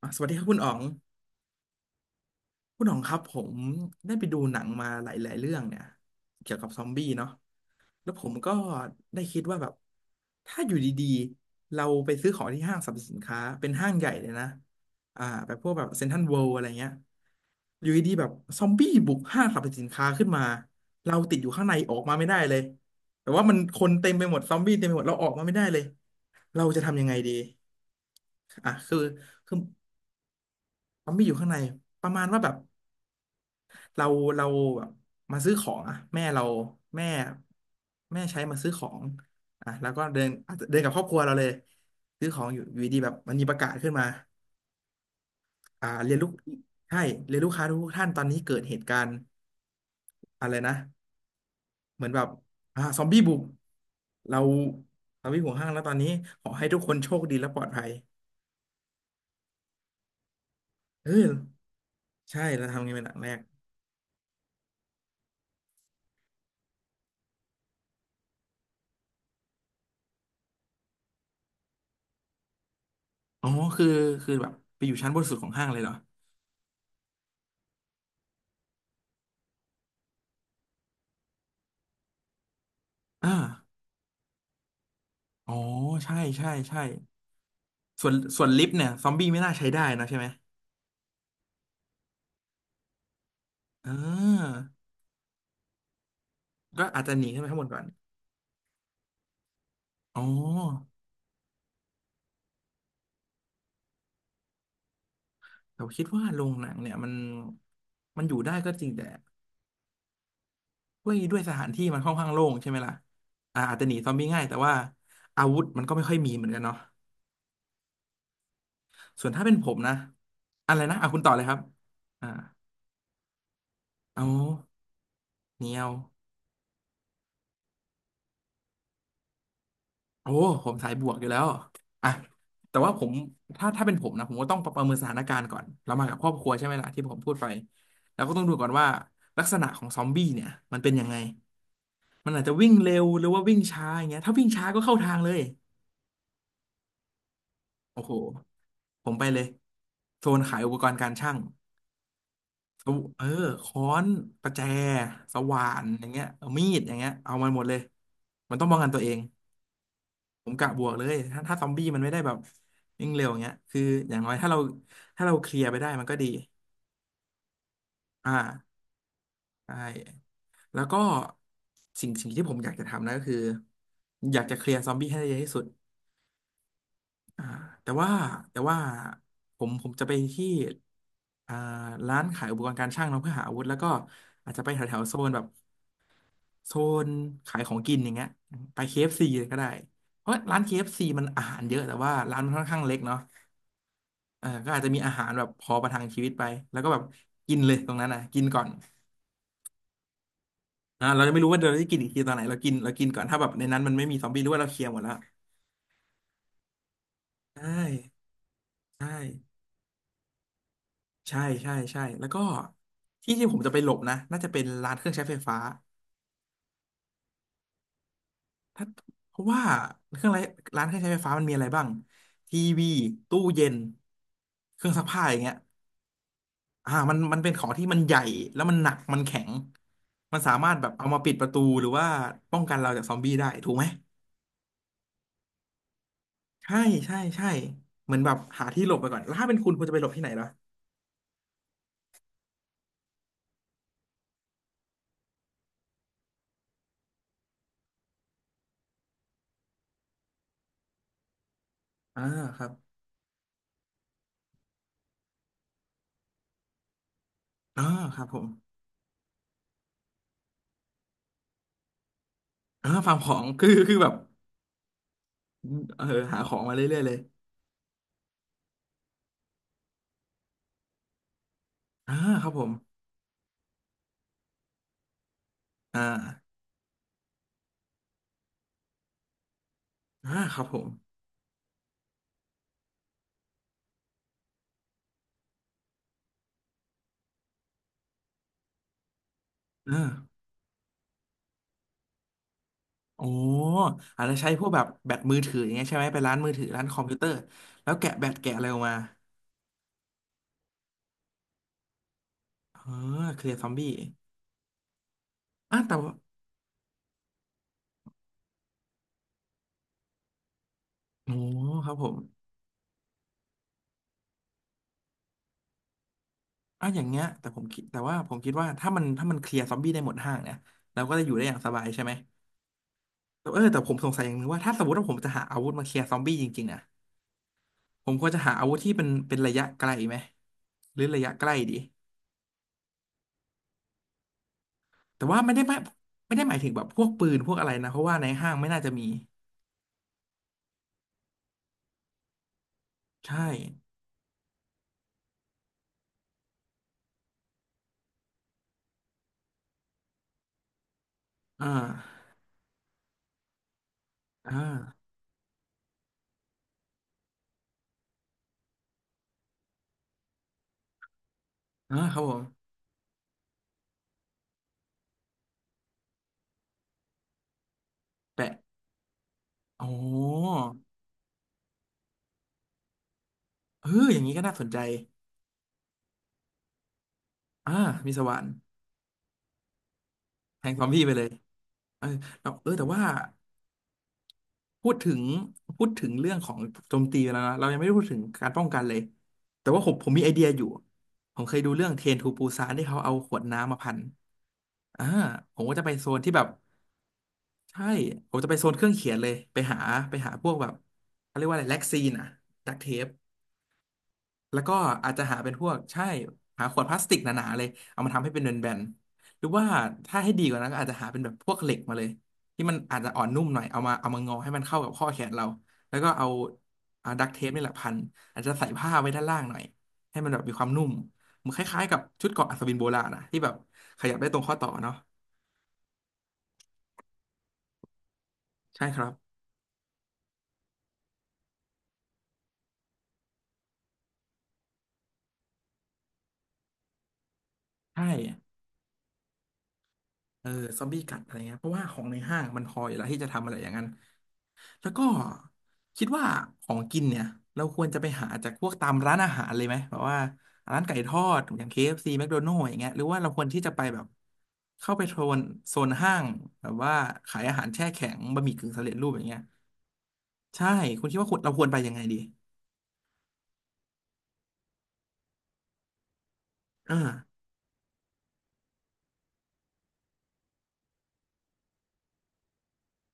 สวัสดีครับคุณอ๋องคุณอ๋องครับผมได้ไปดูหนังมาหลายๆเรื่องเนี่ยเกี่ยวกับซอมบี้เนาะแล้วผมก็ได้คิดว่าแบบถ้าอยู่ดีๆเราไปซื้อของที่ห้างสรรพสินค้าเป็นห้างใหญ่เลยนะแบบพวกแบบเซ็นทรัลเวิลด์อะไรเงี้ยอยู่ดีๆแบบซอมบี้บุกห้างสรรพสินค้าขึ้นมาเราติดอยู่ข้างในออกมาไม่ได้เลยแต่ว่ามันคนเต็มไปหมดซอมบี้เต็มไปหมดเราออกมาไม่ได้เลยเราจะทำยังไงดีคือคือซอมบี้อยู่ข้างในประมาณว่าแบบ เราเราแบบมาซื้อของอะแม่เราแม่แม่ใช้มาซื้อของแล้วก็เดินอาจจะเดินกับครอบครัวเราเลยซื้อของอยู่อยู่ดีๆแบบมันมีประกาศขึ้นมาเรียนลูกใช่เรียนลูกค้าทุกท่านตอนนี้เกิดเหตุการณ์อะไรนะเหมือนแบบซอมบี้บุกเราเราวิ่งหัวห้างแล้วตอนนี้ขอให้ทุกคนโชคดีและปลอดภัยเออใช่เราทำไงเป็นหลังแรกอ๋อคือคือแบบไปอยู่ชั้นบนสุดของห้างเลยเหรออ่าอ๋อใช่ใช่ใช่ ส่วนลิฟต์เนี่ยซอมบี้ไม่น่าใช้ได้นะใช่ไหมอ่าก็อาจจะหนีขึ้นไปข้างบนก่อน อ๋อแต่คิดว่าโรงหนังเนี่ยมันอยู่ได้ก็จริงแต่ด้วยสถานที่มันค่อนข้างโล่งใช่ไหมล่ะอาจจะหนีซอมบี้ง่ายแต่ว่าอาวุธมันก็ไม่ค่อยมีเหมือนกันเนาะส่วนถ้าเป็นผมนะอะไรนะคุณต่อเลยครับอ่าเอาเหนียว โอ้ผมสายบวกอยู่แล้วอ่ะแต่ว่าผมถ้าเป็นผมนะผมก็ต้องประเมินสถานการณ์ก่อนเรามากับครอบครัวใช่ไหมล่ะที่ผมพูดไปแล้วก็ต้องดูก่อนว่าลักษณะของซอมบี้เนี่ยมันเป็นยังไงมันอาจจะวิ่งเร็วหรือว่าวิ่งช้าอย่างเงี้ยถ้าวิ่งช้าก็เข้าทางเลยโอ้โหผมไปเลยโซนขายอุปกรณ์การช่างเอาเออค้อนประแจสว่านอย่างเงี้ยเอามีดอย่างเงี้ยเอามันหมดเลยมันต้องป้องกันตัวเอง ผมกะบวกเลยถ้าซอมบี้มันไม่ได้แบบวิ่งเร็วอย่างเงี้ยคืออย่างน้อยถ้าเราถ้าเราเคลียร์ไปได้มันก็ดีอ่าใช่แล้วก็สิ่งที่ผมอยากจะทำนะก็คืออยากจะเคลียร์ซอมบี้ให้ได้เยอะที่สุดอ่าแต่ว่าแต่ว่าผมจะไปที่อ่าร้านขายอุปกรณ์การช่างเนาะเพื่อหาอาวุธแล้วก็อาจจะไปแถวๆโซนแบบโซนขายของกินอย่างเงี้ยไป KFC เอฟซีเลยก็ได้เพราะร้านเคเอฟซีมันอาหารเยอะแต่ว่าร้านมันค่อนข้างเล็กเนาะ ก็อาจจะมีอาหารแบบพอประทังชีวิตไปแล้วก็แบบกินเลยตรงนั้นกินก่อนเราจะไม่รู้ว่าเราจะกินอีกทีตอนไหนเรากินเรากินก่อนถ้าแบบในนั้นมันไม่มีซอมบี้หรือว่าเราเคลียร์หมดแล้วใช่ใช่ใช่ใช่ใช่แล้วก็ที่ผมจะไปหลบนะน่าจะเป็นร้านเครื่องใช้ไฟฟ้าถ้าเพราะว่าเครื่องไรร้านเครื่องใช้ไฟฟ้ามันมีอะไรบ้างทีวีตู้เย็นเครื่องซักผ้าอย่างเงี้ย มันเป็นของที่มันใหญ่แล้วมันหนักมันแข็งมันสามารถแบบเอามาปิดประตูหรือว่าป้องกันเราจากซอมบี้ได้ถูกไหมใช่ใช่ใช่เหมือนแบบหาที่หลบไปก่อนแล้วถ้าเป็นคุณคุณจะไปหลบที่ไหนเหรออ่าครับอ่าครับผมฟาร์มของคือคือแบบเออหาของมาเรื่อยๆเลยอ่าครับผมอ่าครับผมอ่าโอ้อาจจะใช้พวกแบบแบตมือถืออย่างเงี้ยใช่ไหมไปร้านมือถือร้านคอมพิวเตอร์แล้วแกะแบตแกะอะไรออกมาเออเคลียร์ซอมบี้แต่ โอ้ครับผมอ่ะอย่างเงี้ยแต่ผมคิดแต่ว่าผมคิดว่าถ้ามันเคลียร์ซอมบี้ได้หมดห้างเนี่ยเราก็จะอยู่ได้อย่างสบายใช่ไหมแต่แต่ผมสงสัยอย่างหนึงว่าถ้าสมมติว่าผมจะหาอาวุธมาเคลียร์ซอมบี้จริงๆนะผมควรจะหาอาวุธที่เป็นระยะไกลไหมหรือระยะใกล้ดีแต่ว่าไม่ได้หมายถึงแบบพวกปืนพวกอะไรนะเพราะว่าในห้างไม่น่าจะมีใช่อ่าอ่าอ่าครับผมแปะโอ้เอออย่างนี้ก็น่าสนใจอ่ามีสว่านแทงซอมบี้ไปเลยเออแล้วเออแต่ว่า พูดถึงพูดถึงเรื่องของโจมตีไปแล้วนะเรายังไม่ได้พูดถึงการป้องกันเลยแต่ว่าผมมีไอเดียอยู่ผมเคยดูเรื่องเทรนทูปูซานที่เขาเอาขวดน้ำมาพันอ่าผมก็จะไปโซนที่แบบใช่ผมจะไปโซนเครื่องเขียนเลยไปหาไปพวกแบบเขาเรียกว่าอะไรแล็กซีนอะดักเทป แล้วก็อาจจะหาเป็นพวกใช่หาขวดพลาสติกหนาๆเลยเอามาทำให้เป็นแบนๆหรือว่าถ้าให้ดีกว่านั้นก็อาจจะหาเป็นแบบพวกเหล็กมาเลยที่มันอาจจะอ่อนนุ่มหน่อยเอามางอให้มันเข้ากับข้อแขนเราแล้วก็เอาเอาดักเทปนี่แหละพันอาจจะใส่ผ้าไว้ด้านล่างหน่อยให้มันแบบมีความนุ่มมันคล้ายๆกับชุดเกราะอัศวินโบราณนะที่แบบขยับได้ตรงข้อต่อเนาะใช่ครับใช่เออซอมบี้กัดอะไรเงี้ยเพราะว่าของในห้างมันพออยู่แล้วที่จะทำอะไรอย่างนั้น แล้วก็คิดว่าของกินเนี่ยเราควรจะไปหาจากพวกตามร้านอาหารเลยไหมแบบว่าร้านไก่ทอดอย่าง KFC McDonald's อฟซีแมคโดนัลด์อย่างเงี้ยหรือว่าเราควรที่จะไปแบบเข้าไปโซนห้างแบบว่าขายอาหารแช่แข็งบะหมี่กึ่งสำเร็จรูปอย่างเงี้ยใช่คุณคิดว่าควรเราควรไปยังไงดีอ่า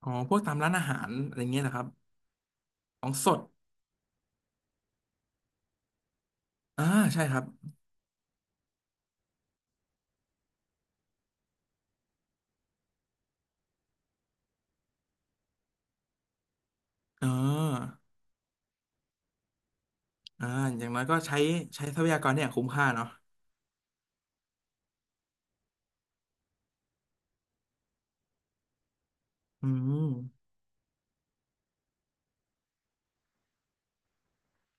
อ๋อพวกตามร้านอาหารอะไรเงี้ยนะครับของสดอ่าใช่ครับเอ่าอ่าอย่างน้อยก็ใช้ใช้ทรัพยากรเนี่ยคุ้มค่าเนาะอืม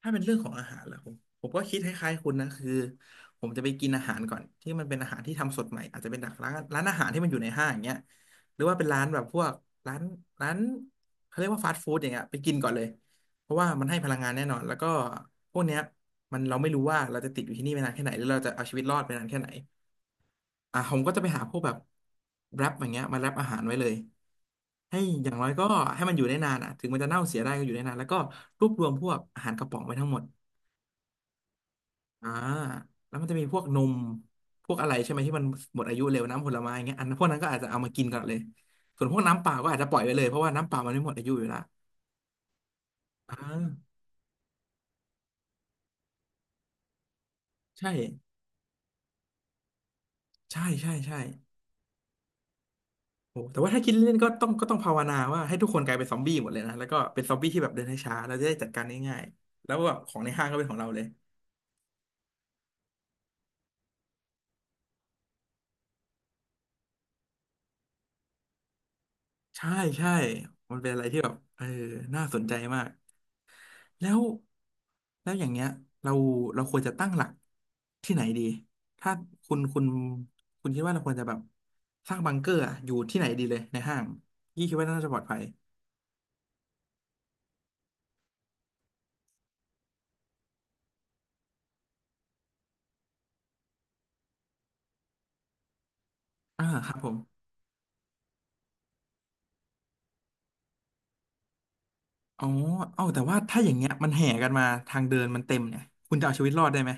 ถ้าเป็นเรื่องของอาหารล่ะผมก็คิดคล้ายๆคุณนะคือผมจะไปกินอาหารก่อนที่มันเป็นอาหารที่ทำสดใหม่อาจจะเป็นจากร้านอาหารที่มันอยู่ในห้างอย่างเงี้ยหรือว่าเป็นร้านแบบพวกร้านร้านเขาเรียกว่าฟาสต์ฟู้ดอย่างเงี้ยไปกินก่อนเลยเพราะว่ามันให้พลังงานแน่นอนแล้วก็พวกเนี้ยมันเราไม่รู้ว่าเราจะติดอยู่ที่นี่ไปนานแค่ไหนหรือเราจะเอาชีวิตรอดไปนานแค่ไหนอ่ะผมก็จะไปหาพวกแบบแรปอย่างเงี้ยมาแรปอาหารไว้เลยให้อย่างน้อยก็ให้มันอยู่ได้นานอ่ะถึงมันจะเน่าเสียได้ก็อยู่ได้นานแล้วก็รวบรวมพวกอาหารกระป๋องไว้ทั้งหมด อ่าแล้วมันจะมีพวกนมพวกอะไรใช่ไหมที่มันหมดอายุเร็วน้ำผลไม้อย่างเงี้ยอันพวกนั้นก็อาจจะเอามากินก่อนเลยส่วนพวกน้ำเปล่าก็อาจจะปล่อยไปเลยเพราะว่าน้ำเปล่ามันไม่หมดอายุอยู่แลวอ่าใช่ใช่ใช่ใช่โอ้แต่ว่าถ้าคิดเล่นๆก็ต้องภาวนาว่าให้ทุกคนกลายเป็นซอมบี้หมดเลยนะแล้วก็เป็นซอมบี้ที่แบบเดินช้าๆเราจะได้จัดการง่ายๆแล้วแบบของในห้างก็เป็นของเราเลยใช่ใช่มันเป็นอะไรที่แบบเออน่าสนใจมาก แล้วแล้วอย่างเงี้ยเราเราควรจะตั้งหลักที่ไหนดีถ้าคุณคุณคุณคิดว่าเราควรจะแบบสร้างบังเกอร์อะอยู่ที่ไหนดีเลยในห้างยี่คิดว่าน่าจะปลอดภัยอ่าครับผมอ๋อเอ้าแต่ว่าถ้าอย่างเงี้ยมันแห่กันมาทางเดินมันเต็มเนี่ยคุณจะเอาชีวิตรอดได้ไหม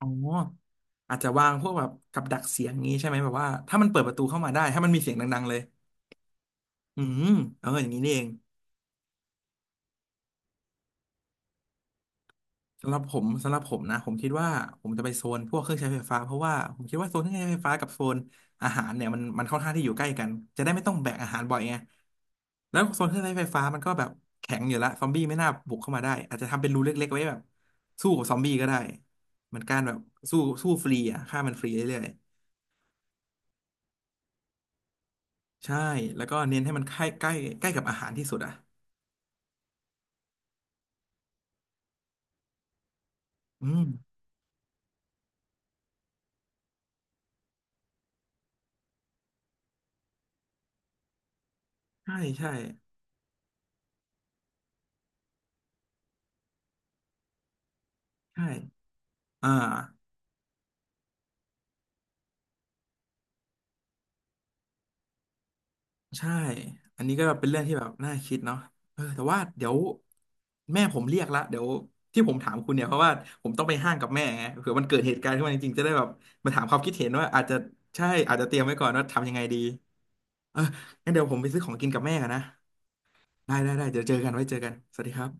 อ๋ออาจจะวางพวกแบบกับดักเสียงงี้ใช่ไหมแบบว่าถ้ามันเปิดประตูเข้ามาได้ถ้ามันมีเสียงดังๆเลยอืมเอออย่างนี้นี่เอง สำหรับผมนะผมคิดว่าผมจะไปโซนพวกเครื่องใช้ไฟฟ้าเพราะว่าผมคิดว่าโซนเครื่องใช้ไฟฟ้ากับโซนอาหารเนี่ยมันค่อนข้างที่อยู่ใกล้กันจะได้ไม่ต้องแบกอาหารบ่อยไงแล้วโซนเครื่องใช้ไฟฟ้ามันก็แบบแข็งอยู่ละซอมบี้ไม่น่าบุกเข้ามาได้อาจจะทำเป็นรูเล็กๆไว้แบบสู้กับซอมบี้ก็ได้เหมือนการแบบสู้สู้ฟรีอ่ะฆ่ามันฟรีเรื่อยๆใช่แล้วก็เน้นให้มันใกล้ใกล้ใกล้กับอาหารที่สุดอ่ะอืมใช่ใช่ใช่อ่า ใช่ อันนี้ก็เป็นเรื่องที่แบบน่าคิดเนาะเออแต่ว่าเดี๋ยวแม่ผมเรียกละเดี๋ยวที่ผมถามคุณเนี่ยเพราะว่าผมต้องไปห้างกับแม่ไงเผื่อมันเกิดเหตุการณ์ขึ้นมาจริงๆจะได้แบบมาถามความคิดเห็นว่าอาจจะใช่อาจจะเตรียมไว้ก่อนว่าทำยังไงดีเอองั้นเดี๋ยวผมไปซื้อของกินกับแม่กันนะ ได้ได้ได้เดี๋ยวเจอกันไว้เจอกันสวัสดีครับ